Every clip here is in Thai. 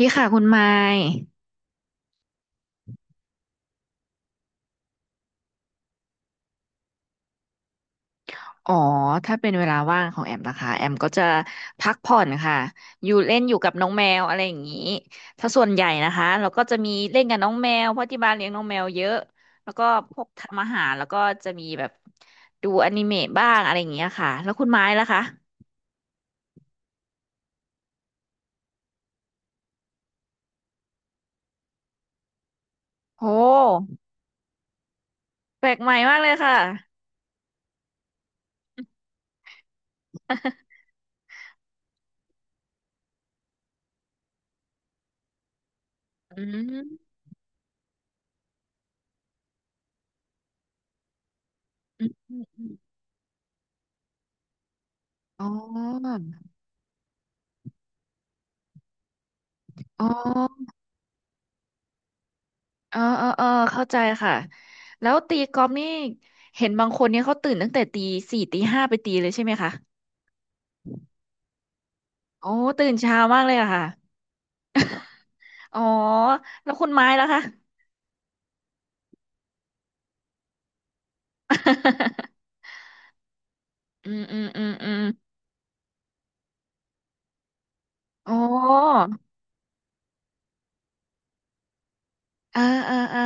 ดีค่ะคุณไมค์อ๋อ ถ้าเป็นเวลาว่างของแอมนะคะแอมก็จะพักผ่อนค่ะอยู่เล่นอยู่กับน้องแมวอะไรอย่างนี้ถ้าส่วนใหญ่นะคะเราก็จะมีเล่นกับน้องแมวเพราะที่บ้านเลี้ยงน้องแมวเยอะ แล้วก็พวกทำอาหารแล้วก็จะมีแบบดูอนิเมะบ้างอะไรอย่างเงี้ยค่ะ แล้วคุณไม้ล่ะคะโอ้แปลกใหม่มากเลยค่ะอืมอืมอืมอืมอ๋ออ๋อ เออเออเออเข้าใจค่ะแล้วตีกอล์ฟนี่เห็นบางคนเนี่ยเขาตื่นตั้งแต่ตีสี่ตีห้าไปตีเลยใช่ไหมคะโอ้ตื่นเช้ามากเลยอะค่ะอ๋อแล้วคุณไม้ล่ะคะ อืมอืมอืมอืมโอ้เออเออเออ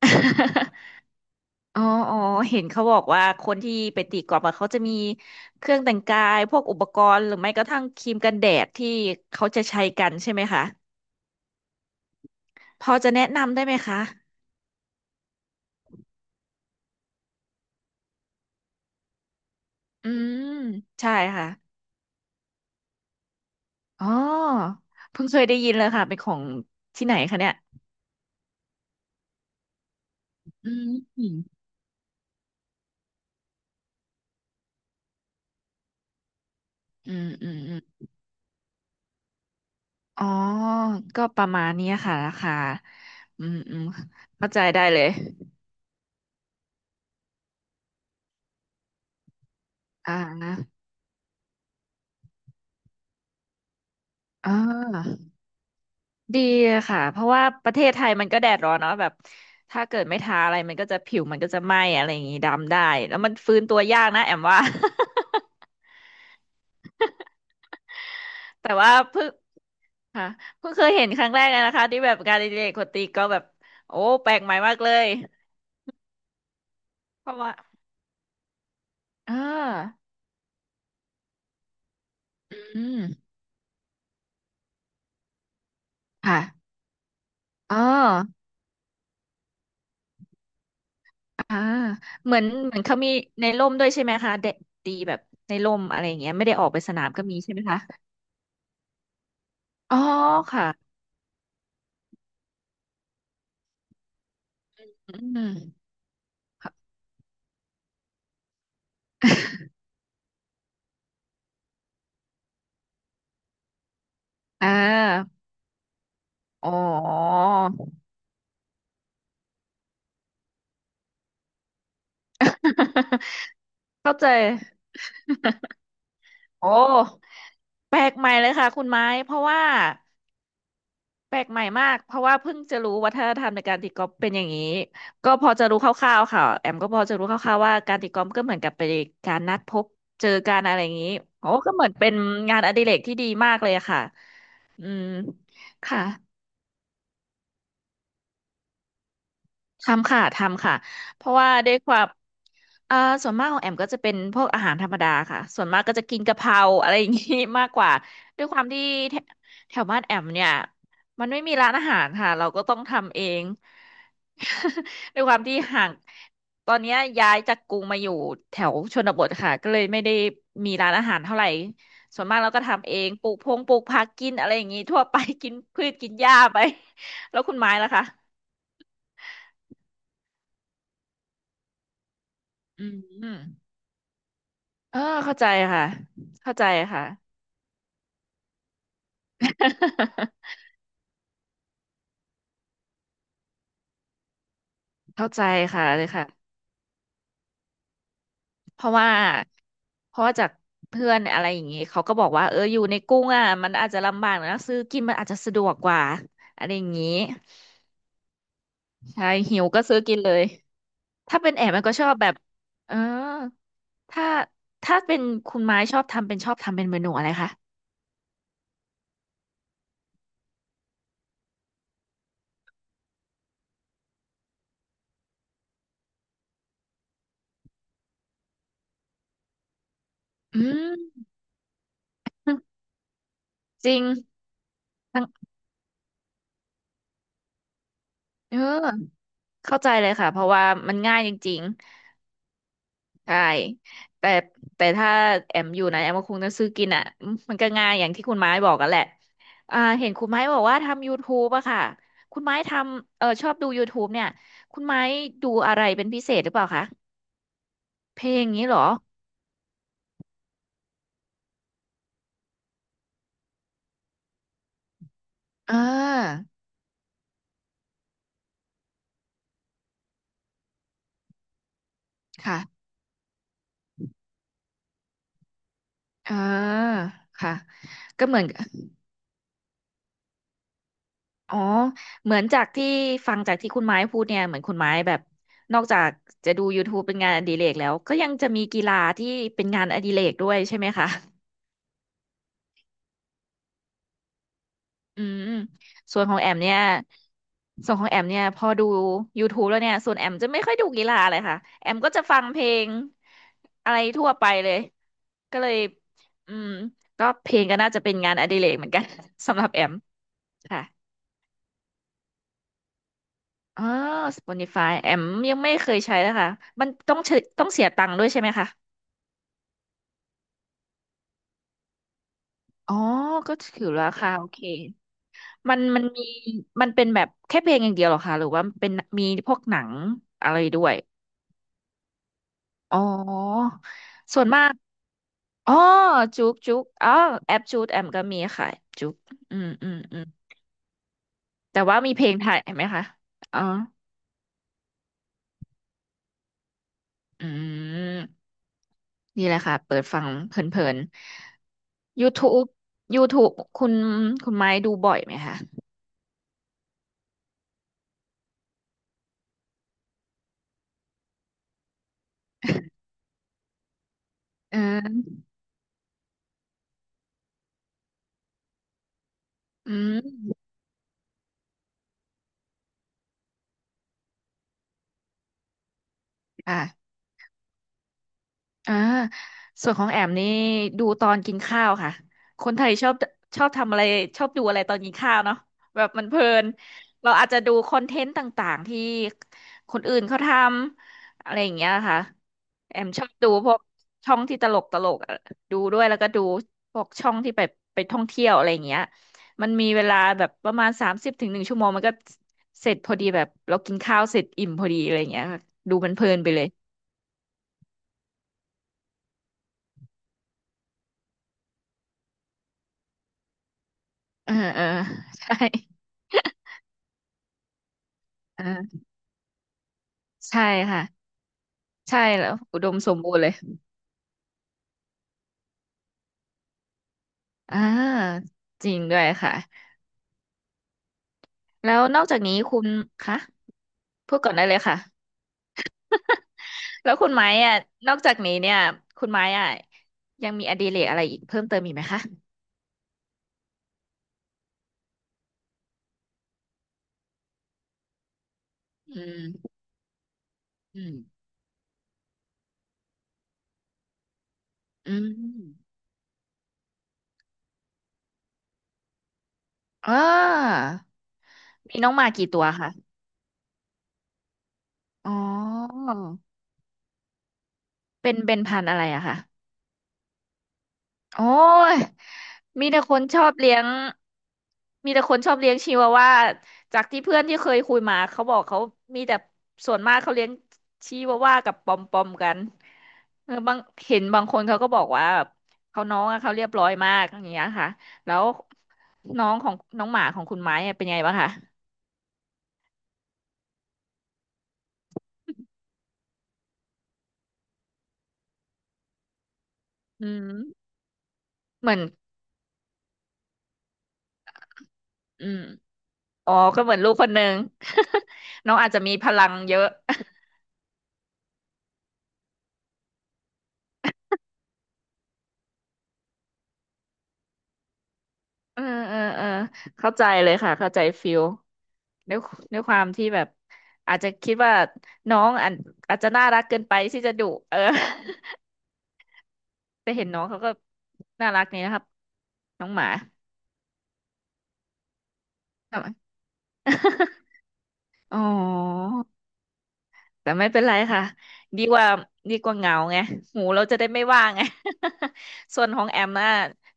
อ๋ออ๋อเห็นเขาบอกว่าคนที่ไปตีกอล์ฟอะเขาจะมีเครื่องแต่งกายพวกอุปกรณ์หรือไม่กระทั่งครีมกันแดดที่เขาจะใช้กันใช่ไหมคะพอจะแนะนำได้ไหมคะอืมใช่ค่ะ อ๋อเพิ่งเคยได้ยินเลยค่ะเป็นของที่ไหนคะเนี่ยอืมอืมอืมอืมอืมอ๋อก็ประมาณเนี้ยค่ะราคาอืมอืมเข้าใจได้เลยอ่าอ่าดีค่ะเพราะว่าประเทศไทยมันก็แดดร้อนเนาะแบบถ้าเกิดไม่ทาอะไรมันก็จะผิวมันก็จะไหม้อะไรอย่างงี้ดำได้แล้วมันฟื้นตัวยากนะแอมว่า แต่ว่าเพิ่งค่ะเพิ่งเคยเห็นครั้งแรกเลยนะคะที่แบบงานอดิเรกคนตีก็แบบโอ้แปลกใหม่มากเลยเพราะว่า อ่าอืมค่ะอ๋ออ่าเหมือนเขามีในร่มด้วยใช่ไหมคะเด็กตีแบบในร่มอะไรอย่างเงี้ยไม่ได้ออกไปสนามก็มีใช่ไหมคะ อ๋อ ค่ะอืมค่ะ อ่าอ๋อ เข้าใจ โอ้ แปลกใหม่เลยค่ะคุณไม้ เพราะว่า แปลกใหม่มากเพราะว่าเพิ่งจะรู้วัฒนธรรมในการตีกอล์ฟเป็นอย่างนี้ก็พอจะรู้คร่าวๆค่ะแอมก็พอจะรู้คร่าวๆว่าการตีกอล์ฟก็เหมือนกับเป็นการนัดพบเจอกันอะไรอย่างนี้โอ้ก็เหมือนเป็นงานอดิเรกที่ดีมากเลยอะค่ะอืมค่ะทำค่ะทำค่ะเพราะว่าด้วยความเอ่อส่วนมากของแอมก็จะเป็นพวกอาหารธรรมดาค่ะส่วนมากก็จะกินกะเพราอะไรอย่างนี้ มากกว่าด้วยความที่แถแถวบ้านแอมเนี่ยมันไม่มีร้านอาหารค่ะเราก็ต้องทำเอง ด้วยความที่ห่างตอนเนี้ยย้ายจากกรุงมาอยู่แถวชนบทค่ะก็เลยไม่ได้มีร้านอาหารเท่าไหร่ส่วนมากเราก็ทำเองปลูกพงปลูกผักกินอะไรอย่างงี้ทั่วไป กินพืชกินหญ้าไปแล้วคุณไม้ล่ะคะอืมอืมเออเข้าใจค่ะเข้าใจค่ะ เข้าใจค่ะเลยค่ะเพราะว่าเพราะว่าจากเพื่อนอะไรอย่างนี้เขาก็บอกว่าเอออยู่ในกรุงอ่ะมันอาจจะลำบากนะซื้อกินมันอาจจะสะดวกกว่าอะไรอย่างนี้ ใช่หิวก็ซื้อกินเลยถ้าเป็นแอมมันก็ชอบแบบเออถ้าถ้าเป็นคุณไม้ชอบทำเป็นชอบทำเป็นเมนูอะไรคะอืมจริงทั้งเออเข้าใจเลยค่ะเพราะว่ามันง่ายจริงๆใช่แต่ถ้าแอมอยู่นะแอมก็คงจะซื้อกินอ่ะอืมมันก็ง่ายอย่างที่คุณไม้บอกกันแหละอ่าเห็นคุณไม้บอกว่าทำ YouTube อะค่ะคุณไม้ทำเออชอบดู YouTube เนี่ยคุณไม้ดูอะไรเป็นพิเศษหรือเปล่าคะเพลงอย่างนี้เหรออ่า ค่ะอ่าค่ะก็เหมือนอ๋อเหมือนจากที่ฟังจากที่คุณไม้พูดเนี่ยเหมือนคุณไม้แบบนอกจากจะดูยู u ู u e เป็นงานอดิเรกแล้วก็ยังจะมีกีฬาที่เป็นงานอดิเรกด้วยใช่ไหมคะอืมส่วนของแอมเนี่ยส่วนของแอมเนี่ยพอดูย o ทู u แล้วเนี่ยส่วนแอมจะไม่ค่อยดูกีฬาเลยค่ะแอมก็จะฟังเพลงอะไรทั่วไปเลยก็เลยอืมก็เพลงก็น่าจะเป็นงานอดิเรกเหมือนกัน สำหรับแอมค่ะ อ๋อ Spotify แอมยังไม่เคยใช้เลยค่ะมันต้องใช้ต้องเสียตังค์ด้วยใช่ไหมคะอ๋อก็ถือราคาโอเคมันมีมันเป็นแบบแค่เพลงอย่างเดียวเหรอคะหรือว่าเป็นมีพวกหนังอะไรด้วยอ๋อส่วนมากอ๋อจุกจุกอ๋อแอปจูดแอมก็มีค่ะจุกอืมอืมอืมแต่ว่ามีเพลงไทยไหมคะอ๋ออืมนี่แหละค่ะเปิดฟังเพลินๆ YouTube YouTube คุณคุณไม้ดูบ่อยไหมคะ อ่าอืมค่ะ อ่าส่วนของแอมนี่ดูตอนกินข้าวค่ะคนไทยชอบทำอะไรชอบดูอะไรตอนกินข้าวเนาะแบบมันเพลินเราอาจจะดูคอนเทนต์ต่างๆที่คนอื่นเขาทำอะไรอย่างเงี้ยค่ะแอมชอบดูพวกช่องที่ตลกตลกดูด้วยแล้วก็ดูพวกช่องที่ไปท่องเที่ยวอะไรอย่างเงี้ยมันมีเวลาแบบประมาณ30ถึง1 ชั่วโมงมันก็เสร็จพอดีแบบเรากินข้าวเสร็จอิ่มพอดีอะไรอย่างเงี้ยค่ะดูมันเพลินไปเลยเออเออใช่ อ่าใช่ค่ะใช่แล้วอุดมสมบูรณ์เลยอ่าจริงด้วยค่ะแล้วนอกจากนี้คุณคะพูดก่อนได้เลยค่ะแล้วคุณไม้อ่ะนอกจากนี้เนี่ยคุณไม้อ่ะยังมีอดิเรกอะไรอีกเพิ่มเติมอีกไหมคะอืมอืมอืมอ่ามีน้องหมากี่ตัวคะอ๋อเป็นพันธุ์อะไรอะคะ โอ้ยมีแต่คนชอบเลี้ยงมีแต่คนชอบเลี้ยงชิวาว่าจากที่เพื่อนที่เคยคุยมาเขาบอกเขามีแต่ส่วนมากเขาเลี้ยงชิวาว่ากับปอมปอมกันเออบางเห็นบางคนเขาก็บอกว่าแบบเขาน้องอะเขาเรียบร้อยมากอย่างเงี้ยค่ะแล้วน้องของน้องหมาของคุณไม้อะเป็นไงบ้างคะอืมเหมือนอืมอ๋อก็เหมือนลูกคนหนึ่ง น้องอาจจะมีพลังเยอะ เออเออเออเข้าใจเลยค่ะเข้าใจฟิลด้วยด้วยความที่แบบอาจจะคิดว่าน้องอาจอาจจะน่ารักเกินไปที่จะดุเออ แต่เห็นน้องเขาก็น่ารักนี่นะครับน้องหมาทำไม อ๋อ แต่ไม่เป็นไรค่ะดีกว่าดีกว่าเหงาไงหูเราจะได้ไม่ว่างไง ส่วนของแอมน่ะ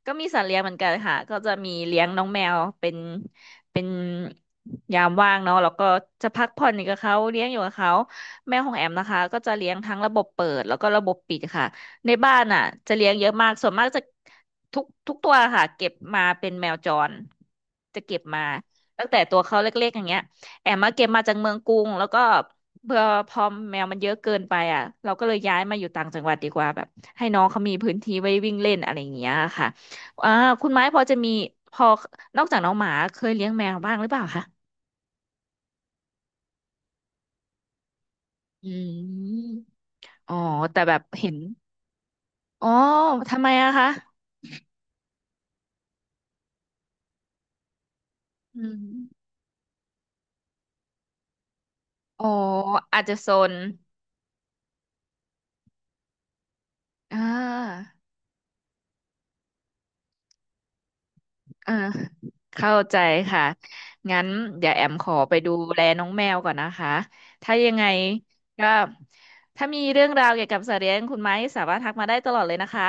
ก็มีสัตว์เลี้ยงเหมือนกันค่ะก็จะมีเลี้ยงน้องแมวเป็นยามว่างเนาะแล้วก็จะพักผ่อนอยู่กับเขาเลี้ยงอยู่กับเขาแมวของแอมนะคะก็จะเลี้ยงทั้งระบบเปิดแล้วก็ระบบปิดค่ะในบ้านน่ะจะเลี้ยงเยอะมากส่วนมากจะทุกทุกตัวค่ะเก็บมาเป็นแมวจรจะเก็บมาตั้งแต่ตัวเขาเล็กๆอย่างเงี้ยแอมมาเก็บมาจากเมืองกรุงแล้วก็ เบื่อพอแมวมันเยอะเกินไปอ่ะเราก็เลยย้ายมาอยู่ต่างจังหวัดดีกว่าแบบให้น้องเขามีพื้นที่ไว้วิ่งเล่นอะไรอย่างเงี้ยค่ะอ่าคุณไม้พอจะมีพอนอกจากน้องหมาเคยเลี้ยงแมวบ้างหรือเปล่าคะอืมอ๋อแต่แบบเห็นอ๋อทำไมอะคะอืมอ๋ออาจจะโซนอ่า อ่าเข้าใจค่ะงั้นเดี๋ยวแอมขอไปดูแลน้องแมวก่อนนะคะถ้ายังไงก็ถ้ามีเรื่องราวเกี่ยวกับสัตว์เลี้ยงคุณไม้สามารถทักมาได้ตลอดเลยนะคะ